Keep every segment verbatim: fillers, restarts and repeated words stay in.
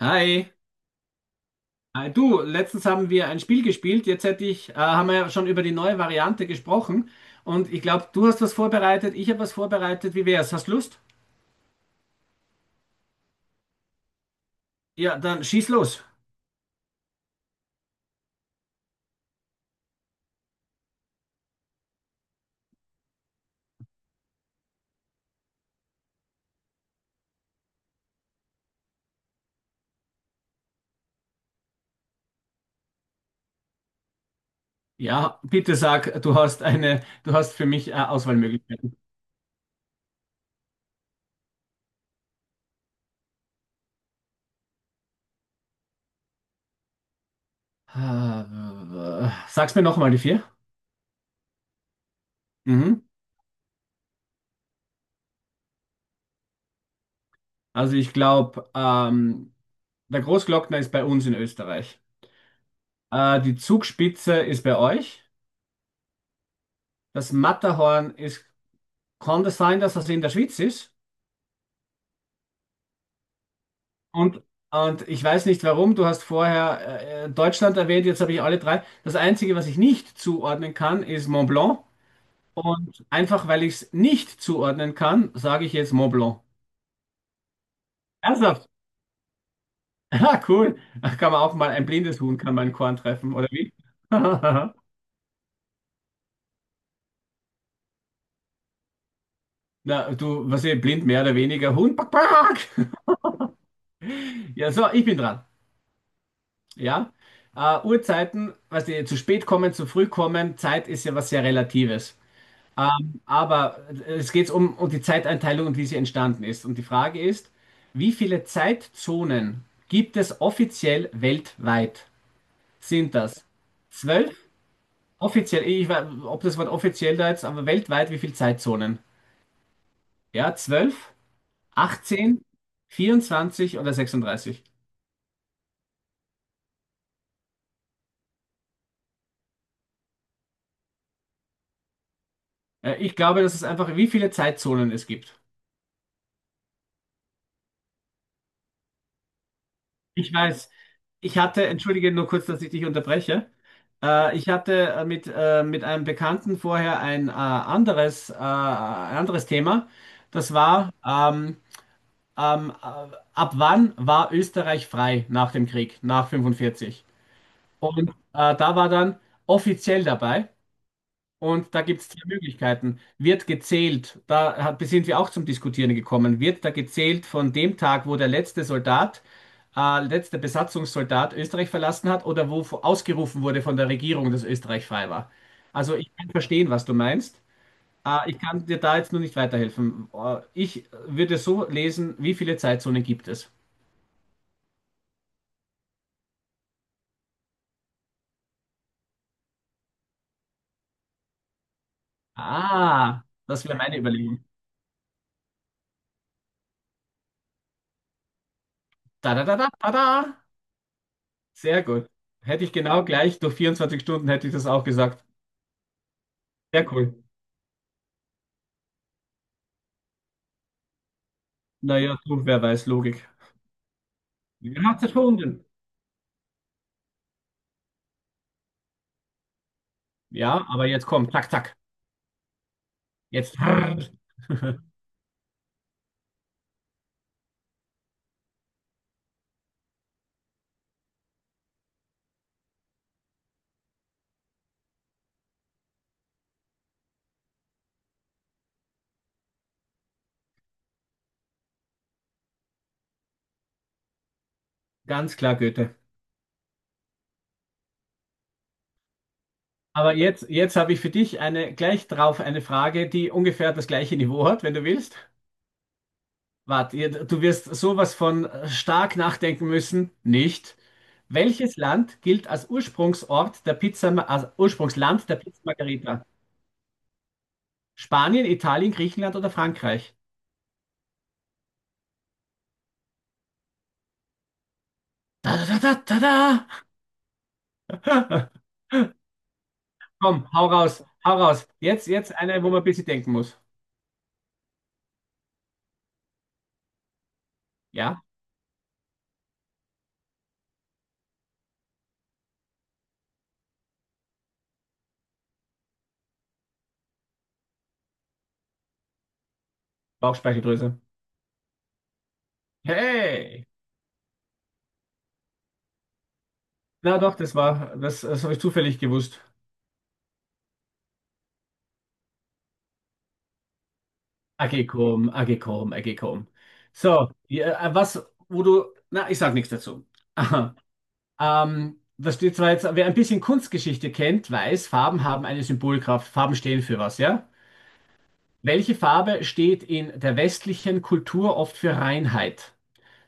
Hi. Äh, du, letztens haben wir ein Spiel gespielt. Jetzt hätte ich, äh, haben wir ja schon über die neue Variante gesprochen. Und ich glaube, du hast was vorbereitet, ich habe was vorbereitet. Wie wär's? Hast Lust? Ja, dann schieß los. Ja, bitte sag, du hast eine, du hast für mich, äh, Auswahlmöglichkeiten. Äh, Sag's mir nochmal die vier. Mhm. Also ich glaube, ähm, der Großglockner ist bei uns in Österreich. Äh, die Zugspitze ist bei euch. Das Matterhorn ist, kann das sein, dass das in der Schweiz ist? Und, und ich weiß nicht warum, du hast vorher äh, äh, Deutschland erwähnt, jetzt habe ich alle drei. Das Einzige, was ich nicht zuordnen kann, ist Mont Blanc. Und einfach weil ich es nicht zuordnen kann, sage ich jetzt Mont Blanc. Ernsthaft? Ah, cool. Da kann man auch mal, ein blindes Huhn kann mal ein Korn treffen, oder wie? Na, du, was ich, blind mehr oder weniger, Huhn, pack, pack. Ja, so, ich bin dran. Ja, äh, Uhrzeiten, was die zu spät kommen, zu früh kommen, Zeit ist ja was sehr Relatives. Ähm, aber äh, es geht um, um die Zeiteinteilung und wie sie entstanden ist. Und die Frage ist, wie viele Zeitzonen gibt es offiziell weltweit? Sind das zwölf? Offiziell, ich weiß, ob das Wort offiziell da jetzt, aber weltweit, wie viele Zeitzonen? Ja, zwölf, achtzehn, vierundzwanzig oder sechsunddreißig? Äh, ich glaube, das ist einfach, wie viele Zeitzonen es gibt. Ich weiß, ich hatte, entschuldige nur kurz, dass ich dich unterbreche. Äh, ich hatte äh, mit, äh, mit einem Bekannten vorher ein äh, anderes, äh, ein anderes Thema. Das war, ähm, ähm, äh, ab wann war Österreich frei nach dem Krieg, nach fünfundvierzig. Und äh, da war dann offiziell dabei. Und da gibt es zwei Möglichkeiten. Wird gezählt, da hat, sind wir auch zum Diskutieren gekommen, wird da gezählt von dem Tag, wo der letzte Soldat, äh, letzte Besatzungssoldat Österreich verlassen hat oder wo vo- ausgerufen wurde von der Regierung, dass Österreich frei war. Also ich kann verstehen, was du meinst. Äh, ich kann dir da jetzt nur nicht weiterhelfen. Äh, ich würde so lesen, wie viele Zeitzonen gibt es? Ah, das wäre meine Überlegung. Da, da, da, da, da, da. Sehr gut. Hätte ich genau gleich durch vierundzwanzig Stunden hätte ich das auch gesagt. Sehr cool. Naja, so, wer weiß, Logik. Wir haben es erfunden. Ja, aber jetzt komm, zack, zack. Jetzt. Ganz klar, Goethe. Aber jetzt, jetzt habe ich für dich eine, gleich drauf eine Frage, die ungefähr das gleiche Niveau hat, wenn du willst. Warte, ihr- du wirst sowas von stark nachdenken müssen. Nicht. Welches Land gilt als Ursprungsort der Pizza, als Ursprungsland der Pizza Margherita? Spanien, Italien, Griechenland oder Frankreich? Da, da, da, da, da. Komm, hau raus, hau raus. Jetzt, jetzt eine, wo man ein bisschen denken muss. Ja, Bauchspeicheldrüse. Hey! Na doch, das war, das, das habe ich zufällig gewusst. Agekom, Agekom, Agekom. So, ja, äh, was, wo du, na, ich sag nichts dazu. Aha. Ähm, da steht zwar jetzt, wer ein bisschen Kunstgeschichte kennt, weiß, Farben haben eine Symbolkraft. Farben stehen für was, ja? Welche Farbe steht in der westlichen Kultur oft für Reinheit?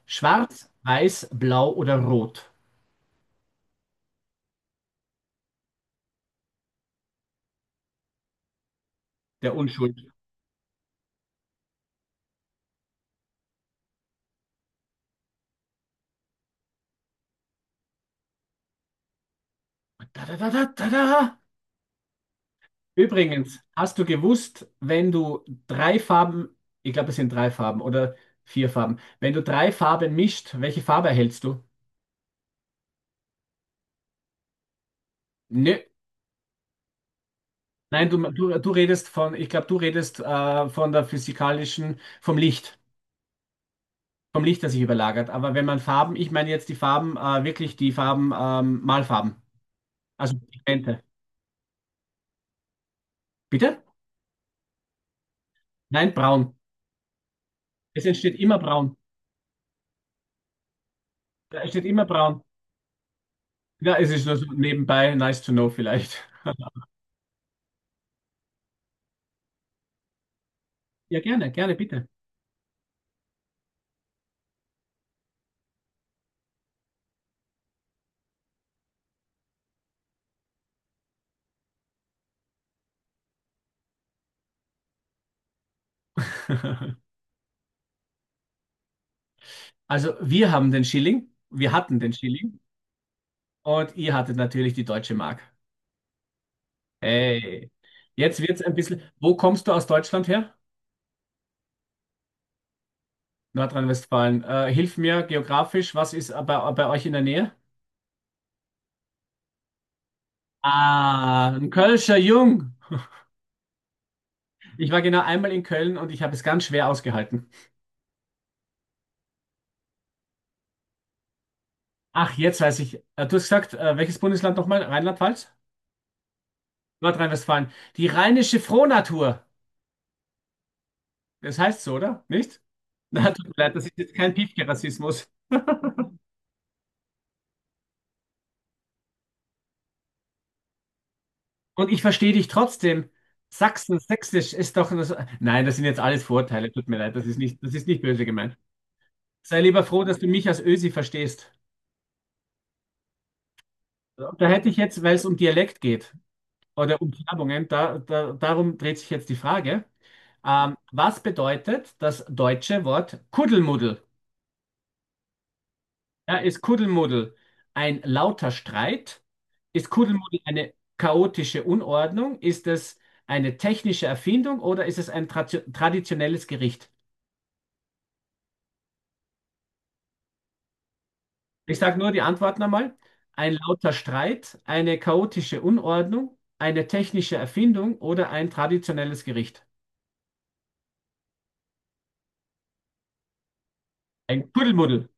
Schwarz, weiß, blau oder rot? Der Unschuld. Da, da, da, da, da, da. Übrigens, hast du gewusst, wenn du drei Farben, ich glaube, es sind drei Farben oder vier Farben, wenn du drei Farben mischt, welche Farbe erhältst du? Nö. Nein, du, du, du redest von, ich glaube, du redest äh, von der physikalischen, vom Licht, vom Licht, das sich überlagert. Aber wenn man Farben, ich meine jetzt die Farben, äh, wirklich die Farben, ähm, Malfarben, also Pigmente. Bitte? Nein, braun. Es entsteht immer braun. Es entsteht immer braun. Ja, es ist nur so nebenbei, nice to know vielleicht. Ja, gerne, gerne, bitte. Also, wir haben den Schilling, wir hatten den Schilling und ihr hattet natürlich die deutsche Mark. Hey, jetzt wird's ein bisschen. Wo kommst du aus Deutschland her? Nordrhein-Westfalen. Äh, hilf mir geografisch, was ist bei, bei euch in der Nähe? Ah, ein Kölscher Jung. Ich war genau einmal in Köln und ich habe es ganz schwer ausgehalten. Ach, jetzt weiß ich. Äh, du hast gesagt, äh, welches Bundesland nochmal? Rheinland-Pfalz? Nordrhein-Westfalen. Die rheinische Frohnatur. Das heißt so, oder? Nicht? Na, tut mir leid, das ist jetzt kein Piefke-Rassismus. Und ich verstehe dich trotzdem. Sachsen, Sächsisch ist doch. Das, nein, das sind jetzt alles Vorurteile. Tut mir leid, das ist nicht, das ist nicht böse gemeint. Sei lieber froh, dass du mich als Ösi verstehst. Da hätte ich jetzt, weil es um Dialekt geht oder um Färbungen, da, da, darum dreht sich jetzt die Frage. Ähm, was bedeutet das deutsche Wort Kuddelmuddel? Ja, ist Kuddelmuddel ein lauter Streit? Ist Kuddelmuddel eine chaotische Unordnung? Ist es eine technische Erfindung oder ist es ein tra traditionelles Gericht? Ich sage nur die Antworten einmal. Ein lauter Streit, eine chaotische Unordnung, eine technische Erfindung oder ein traditionelles Gericht. Ein Kuddelmuddel.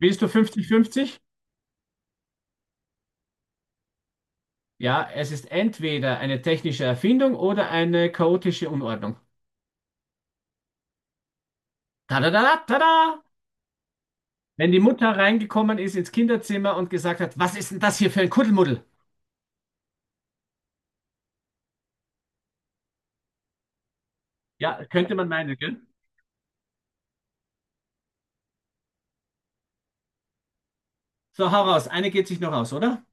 Willst du fünfzig fünfzig? Ja, es ist entweder eine technische Erfindung oder eine chaotische Unordnung. Tada, tada, tada! Wenn die Mutter reingekommen ist ins Kinderzimmer und gesagt hat, was ist denn das hier für ein Kuddelmuddel? Ja, könnte man meinen, gell? So, hau raus. Eine geht sich noch aus, oder?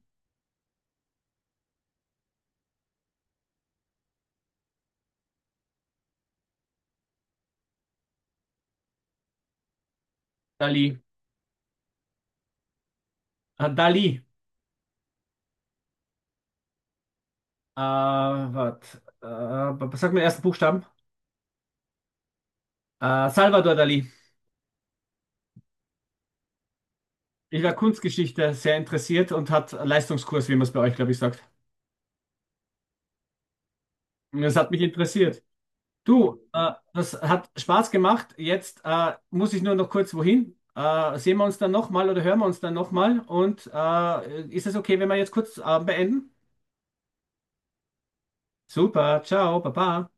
Dali. Ah, Dali. Äh, wat, äh, was sagt man den ersten Buchstaben? Äh, Salvador Dali. Ich war Kunstgeschichte sehr interessiert und hat Leistungskurs, wie man es bei euch, glaube ich, sagt. Und das hat mich interessiert. Du, äh, das hat Spaß gemacht. Jetzt äh, muss ich nur noch kurz wohin. Äh, sehen wir uns dann nochmal oder hören wir uns dann nochmal? Und äh, ist es okay, wenn wir jetzt kurz äh, beenden? Super, ciao, baba.